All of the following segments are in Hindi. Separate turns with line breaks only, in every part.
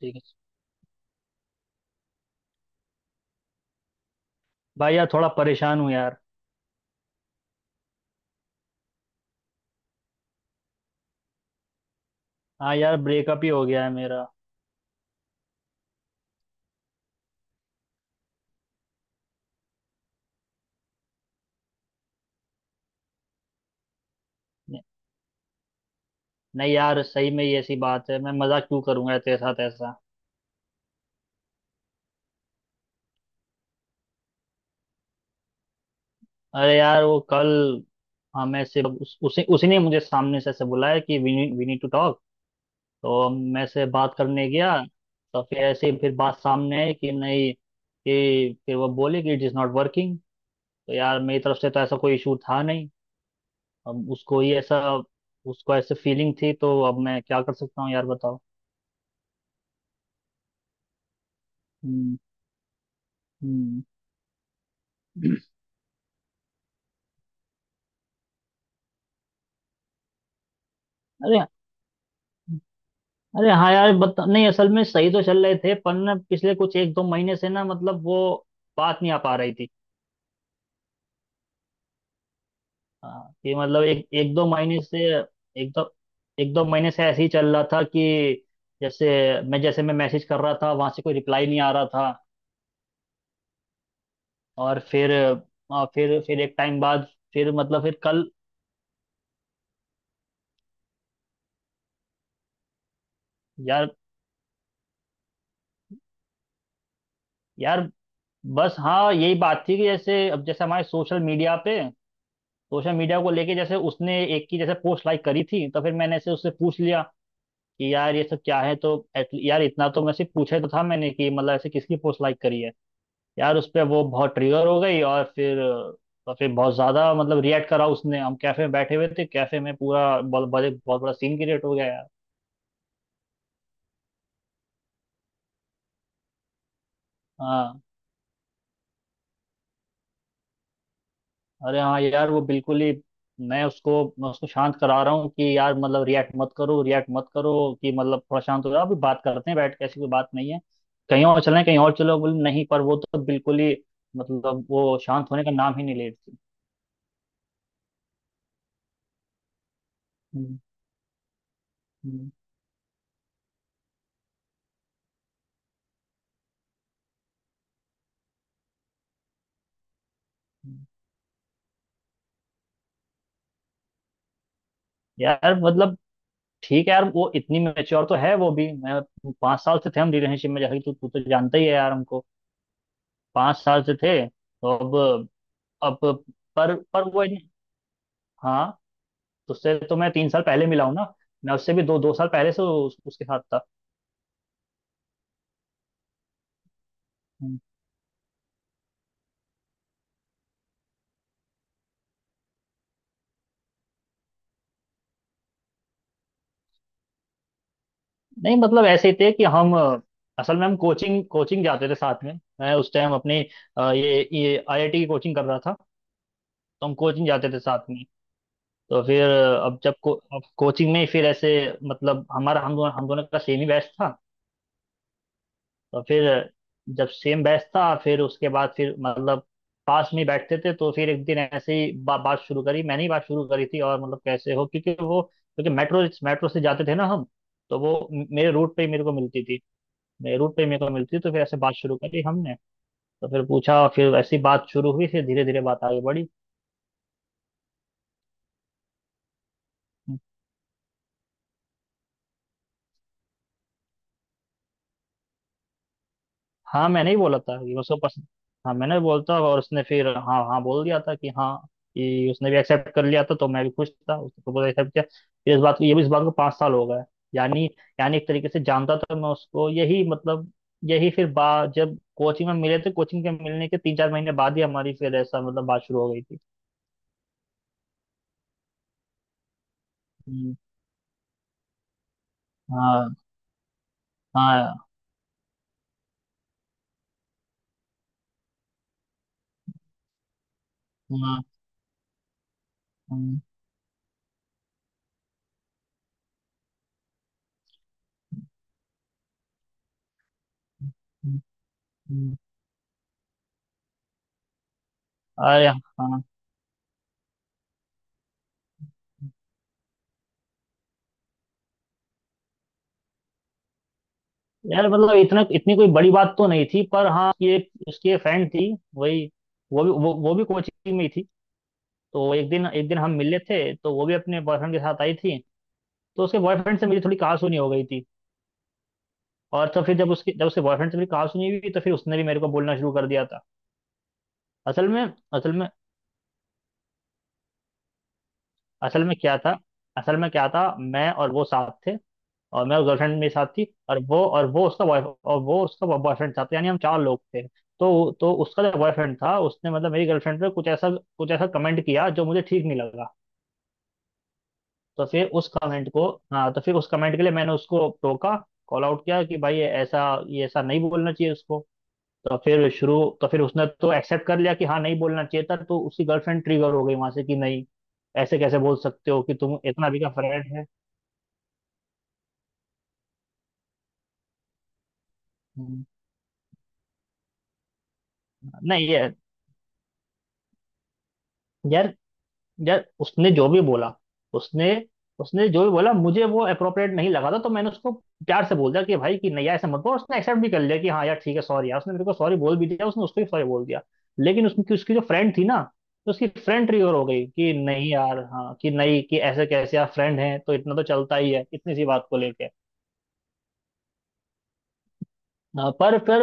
ठीक है। भाई यार थोड़ा परेशान हूँ यार। हाँ यार, ब्रेकअप ही हो गया है मेरा। न- नहीं यार, सही में ये ऐसी बात है। मैं मजाक क्यों करूंगा तेरे साथ ऐसा। अरे यार, वो कल हमें से उस, उसी उसी ने मुझे सामने से ऐसे बुलाया कि we we need to talk. तो मैं से बात करने गया। तो फिर ऐसे ही फिर बात सामने आई कि नहीं, कि फिर वो बोले कि इट इज़ नॉट वर्किंग। तो यार मेरी तरफ से तो ऐसा कोई इशू था नहीं। अब उसको ही ऐसा उसको ऐसे फीलिंग थी, तो अब मैं क्या कर सकता हूँ यार, बताओ। हम्म। हम्म। अरे अरे हाँ यार, बता नहीं, असल में सही तो चल रहे थे पर ना पिछले कुछ एक दो महीने से ना मतलब वो बात नहीं आ पा रही थी। हाँ, कि मतलब एक एक दो महीने से। एक दो एक दो महीने से ऐसे ही चल रहा था कि जैसे मैं मैसेज कर रहा था वहां से कोई रिप्लाई नहीं आ रहा था। और फिर और फिर एक टाइम बाद फिर कल यार, यार बस हाँ यही बात थी कि जैसे अब जैसे हमारे सोशल मीडिया पे सोशल मीडिया को लेके जैसे उसने एक की जैसे पोस्ट लाइक करी थी, तो फिर मैंने ऐसे उससे पूछ लिया कि यार ये सब क्या है। तो यार इतना तो मैं सिर्फ पूछे तो था मैंने कि मतलब ऐसे किसकी पोस्ट लाइक करी है। यार उस पे वो बहुत ट्रिगर हो गई। और फिर बहुत ज्यादा मतलब रिएक्ट करा उसने। हम कैफे में बैठे हुए थे, कैफे में पूरा बहुत बहुत बहुत बड़ा सीन क्रिएट हो गया यार। हाँ। अरे हाँ यार, वो बिल्कुल ही। मैं उसको मैं उसको शांत करा रहा हूँ कि यार मतलब रिएक्ट मत करो, रिएक्ट मत करो, कि मतलब थोड़ा शांत हो जाओ, अभी बात करते हैं बैठ के, ऐसी कोई बात नहीं है, कहीं और चलें, कहीं और चलो, बोले नहीं, पर वो तो बिल्कुल ही मतलब वो शांत होने का नाम ही नहीं ले रही थी। हम्म, हम्म, हम्म। यार मतलब ठीक है यार, वो इतनी मेच्योर तो है वो भी। मैं पाँच साल से थे हम रिलेशनशिप में, जैसे कि तू तू तो जानता ही है यार हमको, पाँच साल से थे, तो अब पर पर वो इन- हाँ। तो उससे तो मैं तीन साल पहले मिला हूँ ना। मैं उससे भी दो दो साल पहले से उसके साथ था। हम्म। नहीं मतलब ऐसे ही थे कि हम असल में हम कोचिंग कोचिंग जाते थे साथ में। मैं उस टाइम अपनी ये आईआईटी की कोचिंग कर रहा था। तो हम कोचिंग जाते थे साथ में। तो फिर अब कोचिंग में फिर ऐसे मतलब हमारा हम दोनों का सेम ही बैच था। तो फिर जब सेम बैच था फिर उसके बाद फिर मतलब पास में ही बैठते थे। तो फिर एक दिन ऐसे ही बात शुरू करी, मैंने ही बात शुरू करी थी। और मतलब कैसे हो, क्योंकि वो क्योंकि मेट्रो मेट्रो से जाते थे ना हम, तो वो मेरे रूट पे ही मेरे को मिलती थी। मेरे रूट पे ही मेरे को मिलती थी तो फिर ऐसे बात शुरू करी हमने। तो फिर पूछा, फिर ऐसी बात शुरू हुई, फिर धीरे धीरे बात आगे बढ़ी। हाँ मैंने ही बोला था कि उसको पसंद। हाँ मैंने बोलता, और उसने फिर हाँ हाँ बोल दिया था कि हाँ, कि उसने भी एक्सेप्ट कर लिया था। तो मैं भी खुश था, उसने प्रपोजल एक्सेप्ट किया। फिर इस बात को पाँच साल हो गए। यानी यानी एक तरीके से जानता था मैं उसको। यही मतलब यही फिर बा जब कोचिंग में मिले थे, कोचिंग के मिलने के तीन चार महीने बाद ही हमारी फिर ऐसा मतलब बात शुरू हो गई थी। हम्म, हाँ हाँ हाँ, हम्म, हम्म, हम्म, अरे हाँ यार मतलब इतना इतनी कोई बड़ी बात तो नहीं थी, पर हाँ, ये उसकी एक फ्रेंड थी, वही, वो भी वो भी कोचिंग में ही थी। तो एक दिन हम मिले थे तो वो भी अपने बॉयफ्रेंड के साथ आई थी। तो उसके बॉयफ्रेंड से मेरी थोड़ी कहासुनी हो गई थी। और तो फिर जब उसके बॉयफ्रेंड से मेरी कहासुनी हुई, तो फिर उसने भी मेरे को बोलना शुरू कर दिया था। असल में असल में असल में क्या था, मैं और वो साथ थे, और मैं उस गर्लफ्रेंड मेरे साथ थी, और वो उसका बॉयफ्रेंड था, तो यानी हम चार लोग थे। तो उसका जो बॉयफ्रेंड था उसने मतलब मेरी गर्लफ्रेंड पे कुछ ऐसा कमेंट किया जो मुझे ठीक नहीं लगा। तो फिर उस कमेंट को, हाँ, तो फिर उस कमेंट के लिए मैंने उसको टोका, कॉल आउट किया कि भाई ये ऐसा नहीं बोलना चाहिए उसको। तो फिर शुरू तो फिर उसने तो एक्सेप्ट कर लिया कि हाँ नहीं बोलना चाहिए था। तो उसकी गर्लफ्रेंड ट्रिगर हो गई वहां से कि नहीं ऐसे कैसे बोल सकते हो कि तुम इतना भी का फ्रेंड है। हम्म, नहीं है। यार उसने जो भी बोला, उसने उसने जो भी बोला, मुझे वो अप्रोप्रिएट नहीं लगा था, तो मैंने उसको प्यार से बोल दिया कि भाई कि नहीं यार ऐसा मत बोल। उसने एक्सेप्ट भी कर लिया कि हाँ यार ठीक है सॉरी यार। उसने मेरे को सॉरी बोल भी दिया, उसने उसको भी सॉरी बोल दिया। लेकिन उसकी उसकी जो फ्रेंड थी ना, तो उसकी फ्रेंड ट्रिगर हो गई कि नहीं यार हाँ कि नहीं कि ऐसे कैसे यार, फ्रेंड है तो इतना तो चलता ही है इतनी सी बात को लेके। हाँ, पर फिर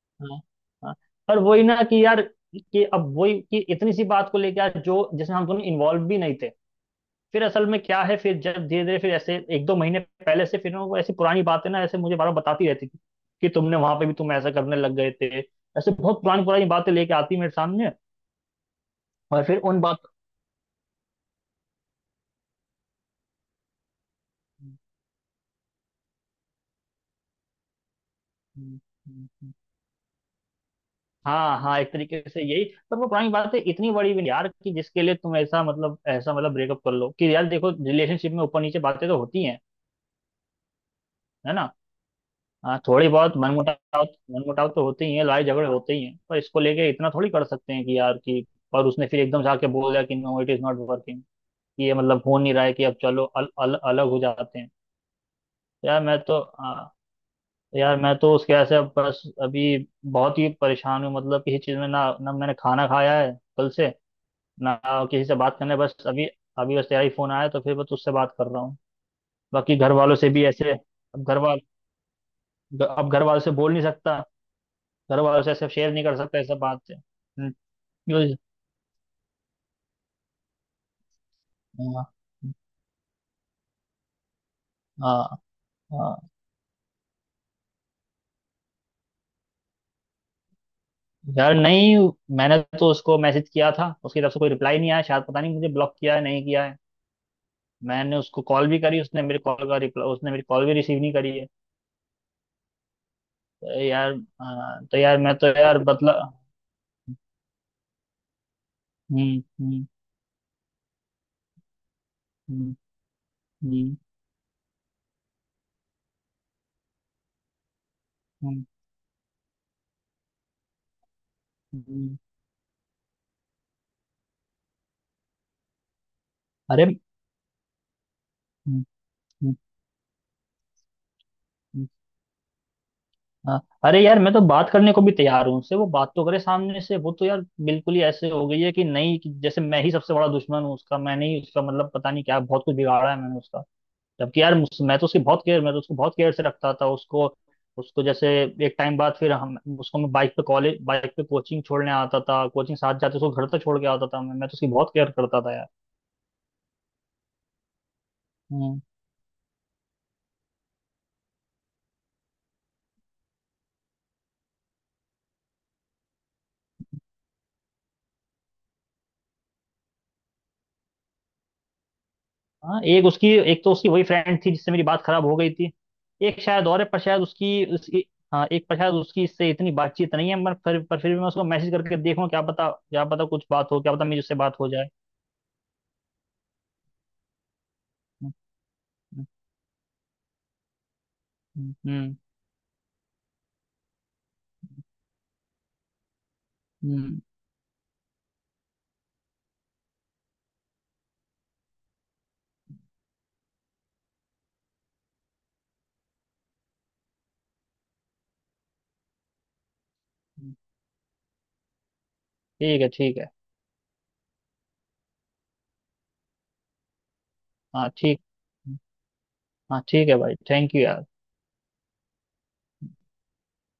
हाँ, हाँ, पर वही ना कि यार कि अब वही कि इतनी सी बात को लेके यार, जो जिसमें हम दोनों इन्वॉल्व भी नहीं थे। फिर असल में क्या है, फिर जब धीरे धीरे फिर ऐसे एक दो महीने पहले से फिर ना, वो ऐसी पुरानी बातें ना ऐसे मुझे बार बार बताती रहती थी कि तुमने वहां पे भी तुम ऐसा करने लग गए थे। ऐसे बहुत पुरानी पुरानी बातें लेके आती मेरे सामने। और फिर उन बात, हाँ हाँ, एक तरीके से यही। पर वो पुरानी बातें इतनी बड़ी भी नहीं यार कि जिसके लिए तुम ऐसा मतलब ब्रेकअप कर लो कि यार देखो रिलेशनशिप में ऊपर नीचे बातें तो होती हैं, है ना। हाँ थोड़ी बहुत मनमुटाव, तो होते ही है, लड़ाई झगड़े होते ही हैं, पर इसको लेके इतना थोड़ी कर सकते हैं कि यार कि। और उसने फिर एकदम से आके बोल दिया कि no it is not working, कि ये मतलब हो नहीं रहा है, कि अब चलो अल, अल, अलग हो जाते हैं। यार मैं तो आ, यार मैं तो उसके ऐसे अब बस अभी बहुत ही परेशान हूँ, मतलब किसी चीज़ में ना, ना मैंने खाना खाया है कल से, ना किसी से बात करने बस अभी अभी बस तेरा ही फोन आया तो फिर बस उससे बात कर रहा हूँ। बाकी घर वालों से भी ऐसे अब घर वाल अब घर वालों से बोल नहीं सकता, घर वालों से सब शेयर नहीं कर सकते सब बात से। यूज, हाँ, हाँ, हाँ। यार नहीं, मैंने तो उसको मैसेज किया था, उसकी तरफ से कोई रिप्लाई नहीं आया, शायद पता नहीं मुझे ब्लॉक किया है नहीं किया है। मैंने उसको कॉल भी करी, उसने मेरी कॉल भी रिसीव नहीं करी है। तो यार हाँ, तो यार मैं तो यार बदला। हम्म हम्म हम्म, हम्म, हम्म, हम्म। अरे हम्म, हम्म, हाँ, अरे यार मैं तो बात करने को भी तैयार हूँ उससे, वो बात तो करे सामने से। वो तो यार बिल्कुल ही ऐसे हो गई है कि नहीं कि जैसे मैं ही सबसे बड़ा दुश्मन हूँ उसका, मैंने ही उसका मतलब पता नहीं क्या बहुत कुछ बिगाड़ा है मैंने उसका। जबकि यार मैं तो उसकी बहुत केयर, मैं तो उसको बहुत केयर से रखता था। उसको उसको जैसे एक टाइम बाद फिर हम उसको मैं बाइक पे कोचिंग छोड़ने आता था, कोचिंग साथ जाते, उसको घर तक छोड़ के आता था। मैं तो उसकी बहुत केयर करता था यार। हाँ एक उसकी, एक तो उसकी वही फ्रेंड थी जिससे मेरी बात खराब हो गई थी। एक शायद और है, पर शायद उसकी उसकी, हाँ एक, पर शायद उसकी इससे इतनी बातचीत नहीं है, पर फिर भी मैं उसको मैसेज करके देखूँ, क्या पता कुछ बात हो, क्या पता मेरी उससे बात हो जाए। हम्म, हम्म, हम्म, हम्म, हम्म। ठीक है ठीक है। हाँ ठीक, हाँ ठीक है भाई, थैंक यू यार।